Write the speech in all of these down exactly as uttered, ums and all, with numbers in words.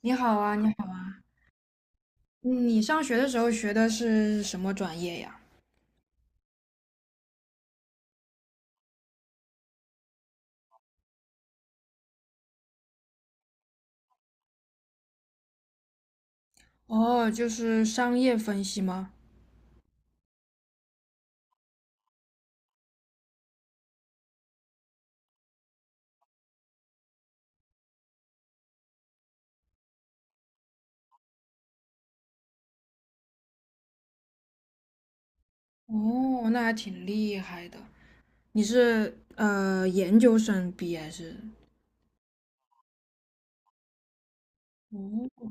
你好啊，你好。嗯你上学的时候学的是什么专业呀？哦，就是商业分析吗？哦，那还挺厉害的。你是呃研究生毕业是？哦。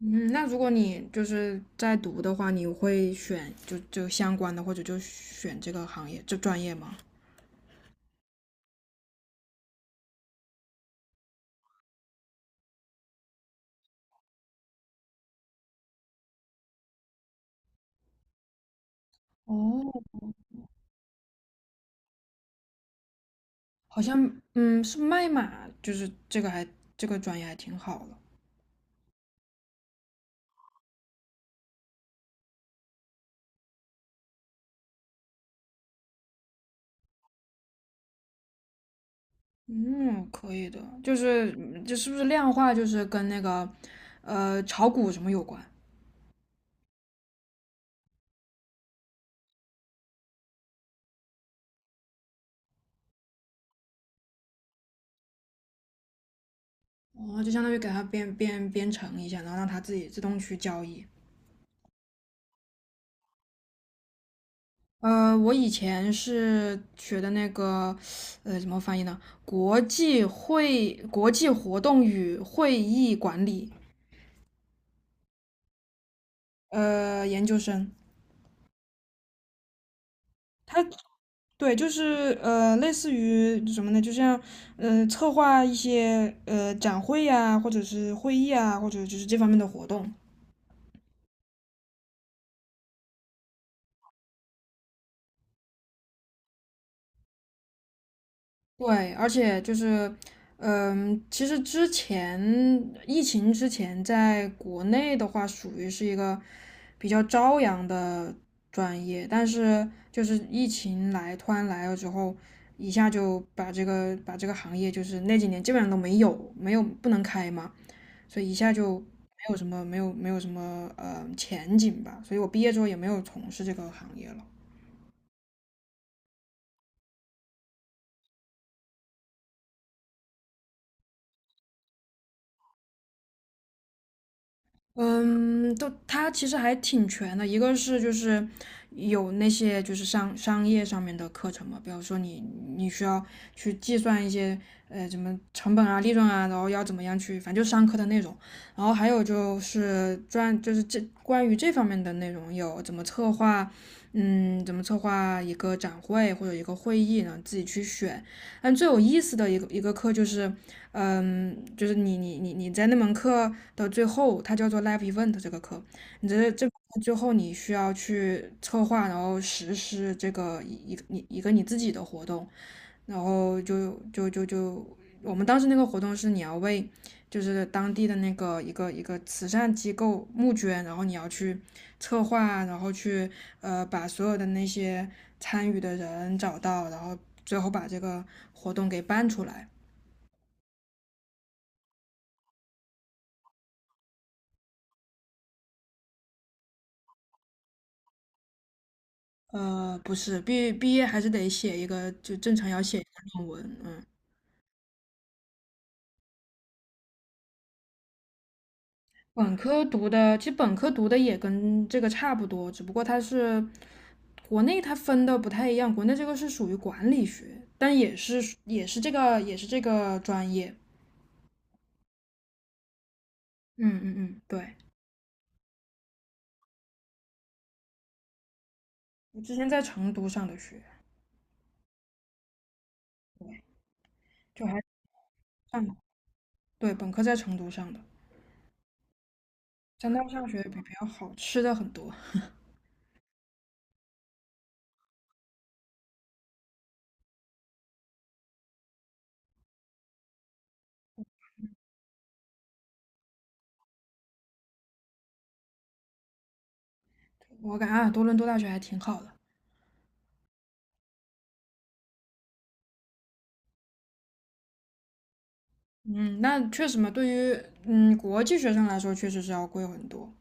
嗯，那如果你就是在读的话，你会选就就相关的，或者就选这个行业这专业吗？哦，好像嗯是麦马，就是这个还这个专业还挺好的。嗯，可以的，就是嗯这是不是量化，就是跟那个呃炒股什么有关？哦，就相当于给它编编编程一下，然后让它自己自动去交易。呃，我以前是学的那个呃怎么翻译呢？国际会国际活动与会议管理。呃，研究生。它对，就是呃，类似于什么呢？就像呃，策划一些呃展会呀、或者是会议啊，或者就是这方面的活动。对，而且就是嗯、其实之前疫情之前，在国内的话，属于是一个比较朝阳的专业，但是就是疫情来突然来了之后，一下就把这个把这个行业就是那几年基本上都没有没有不能开嘛。所以一下就没有什么没有没有什么呃前景吧。所以我毕业之后也没有从事这个行业了。嗯，都它其实还挺全的，一个是就是有那些就是商商业上面的课程嘛，比如说你你需要去计算一些呃什么成本啊、利润啊，然后要怎么样去，反正就商课的内容。然后还有就是专就是这关于这方面的内容有怎么策划。嗯，怎么策划一个展会或者一个会议呢？自己去选。但最有意思的一个一个课就是，嗯，就是你你你你在那门课的最后，它叫做 live event 这个课。你这这最后你需要去策划，然后实施这个一一个你一个你自己的活动，然后就就就就我们当时那个活动是你要为就是当地的那个一个一个慈善机构募捐，然后你要去策划，然后去呃把所有的那些参与的人找到，然后最后把这个活动给办出来。呃，不是。毕毕业还是得写一个，就正常要写一个论文，嗯。本科读的，其实本科读的也跟这个差不多，只不过它是国内它分的不太一样，国内这个是属于管理学，但也是也是这个也是这个专业。嗯嗯嗯，对。我之前在成都上的学，对。就还上的对本科在成都上的，在那儿上学比比较好，吃的很多。我感觉啊，多伦多大学还挺好的。嗯，那确实嘛，对于嗯国际学生来说，确实是要贵很多。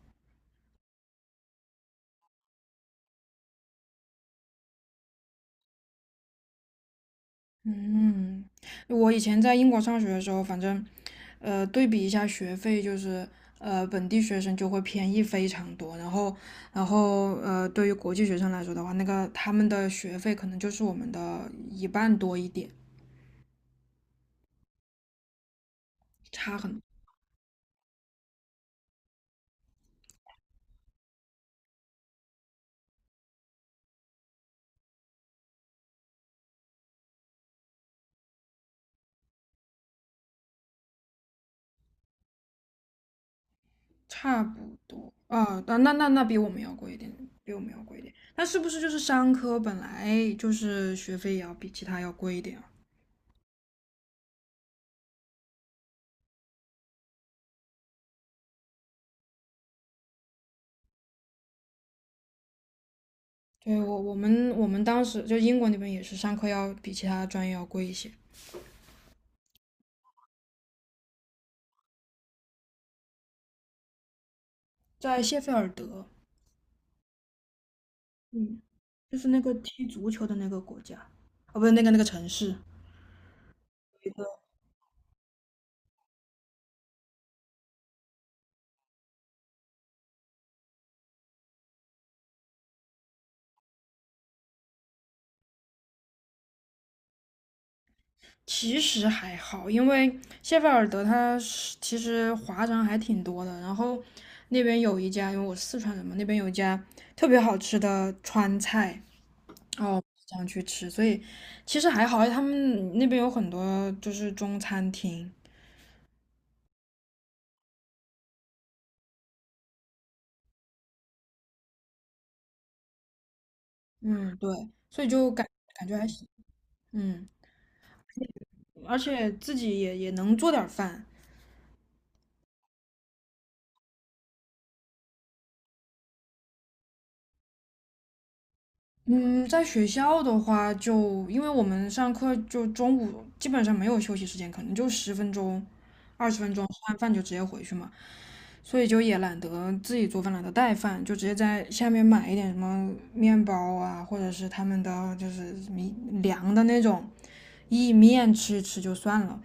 嗯，我以前在英国上学的时候，反正，呃，对比一下学费，就是呃，本地学生就会便宜非常多，然后，然后呃，对于国际学生来说的话，那个他们的学费可能就是我们的一半多一点，差很差不多啊。那那那那比我们要贵一点，比我们要贵一点。那是不是就是商科本来就是学费也要比其他要贵一点啊？对，我我们我们当时就英国那边也是上课要比其他专业要贵一些。在谢菲尔德。嗯，就是那个踢足球的那个国家。哦，不是那个那个城市。其实还好，因为谢菲尔德它是其实华人还挺多的。然后那边有一家，因为我是四川人嘛，那边有一家特别好吃的川菜。哦，想去吃。所以其实还好，他们那边有很多就是中餐厅。嗯，对，所以就感感觉还行。嗯，而且自己也也能做点儿饭。嗯，在学校的话就，因为我们上课就中午基本上没有休息时间，可能就十分钟、二十分钟，吃完饭就直接回去嘛，所以就也懒得自己做饭，懒得带饭，就直接在下面买一点什么面包啊，或者是他们的就是米凉的那种意面吃一吃就算了。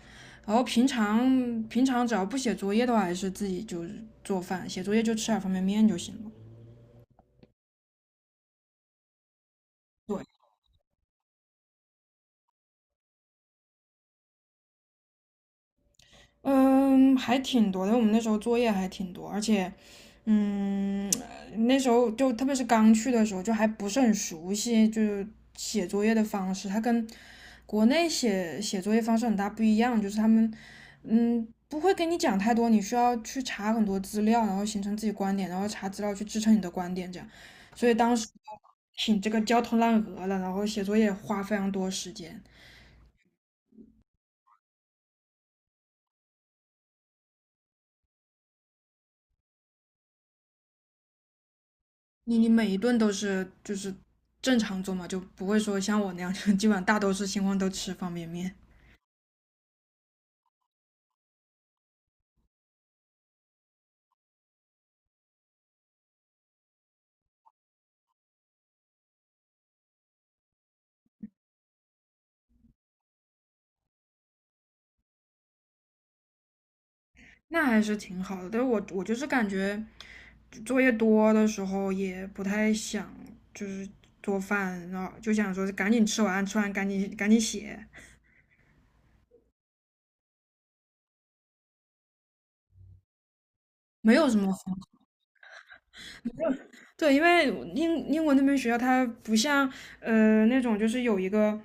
然后平常平常只要不写作业的话，还是自己就是做饭，写作业就吃点方便面就行了。对。嗯，还挺多的。我们那时候作业还挺多，而且，嗯，那时候就特别是刚去的时候，就还不是很熟悉，就是写作业的方式，它跟国内写写作业方式很大不一样。就是他们，嗯，不会跟你讲太多，你需要去查很多资料，然后形成自己观点，然后查资料去支撑你的观点，这样。所以当时挺这个焦头烂额的，然后写作业花非常多时间。你你每一顿都是就是正常做嘛，就不会说像我那样，就基本上大多是情况都吃方便面。那还是挺好的。但是我我就是感觉作业多的时候也不太想就是做饭，然后就想说赶紧吃完，吃完赶紧赶紧写。没有什么方法。对，因为英英国那边学校它不像呃那种就是有一个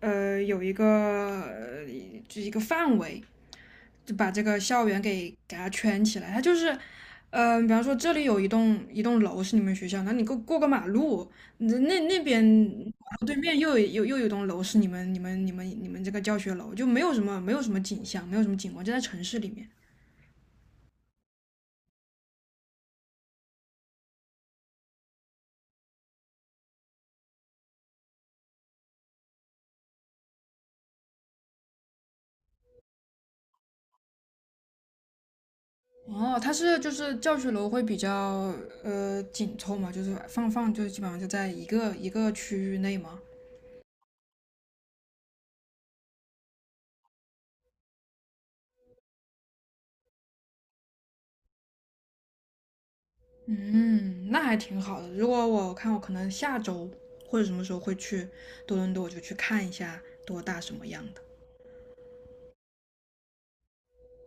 呃有一个呃就是一个范围，就把这个校园给给它圈起来。它就是，嗯，比方说这里有一栋一栋楼是你们学校，那你过过个马路，那那那边马路对面又有又又有一栋楼是你们你们你们你们这个教学楼，就没有什么没有什么景象，没有什么景观，就在城市里面。哦，它是就是教学楼会比较呃紧凑嘛，就是放放就基本上就在一个一个区域内嘛。嗯，那还挺好的。如果我看我可能下周或者什么时候会去多伦多，我就去看一下多大什么样的。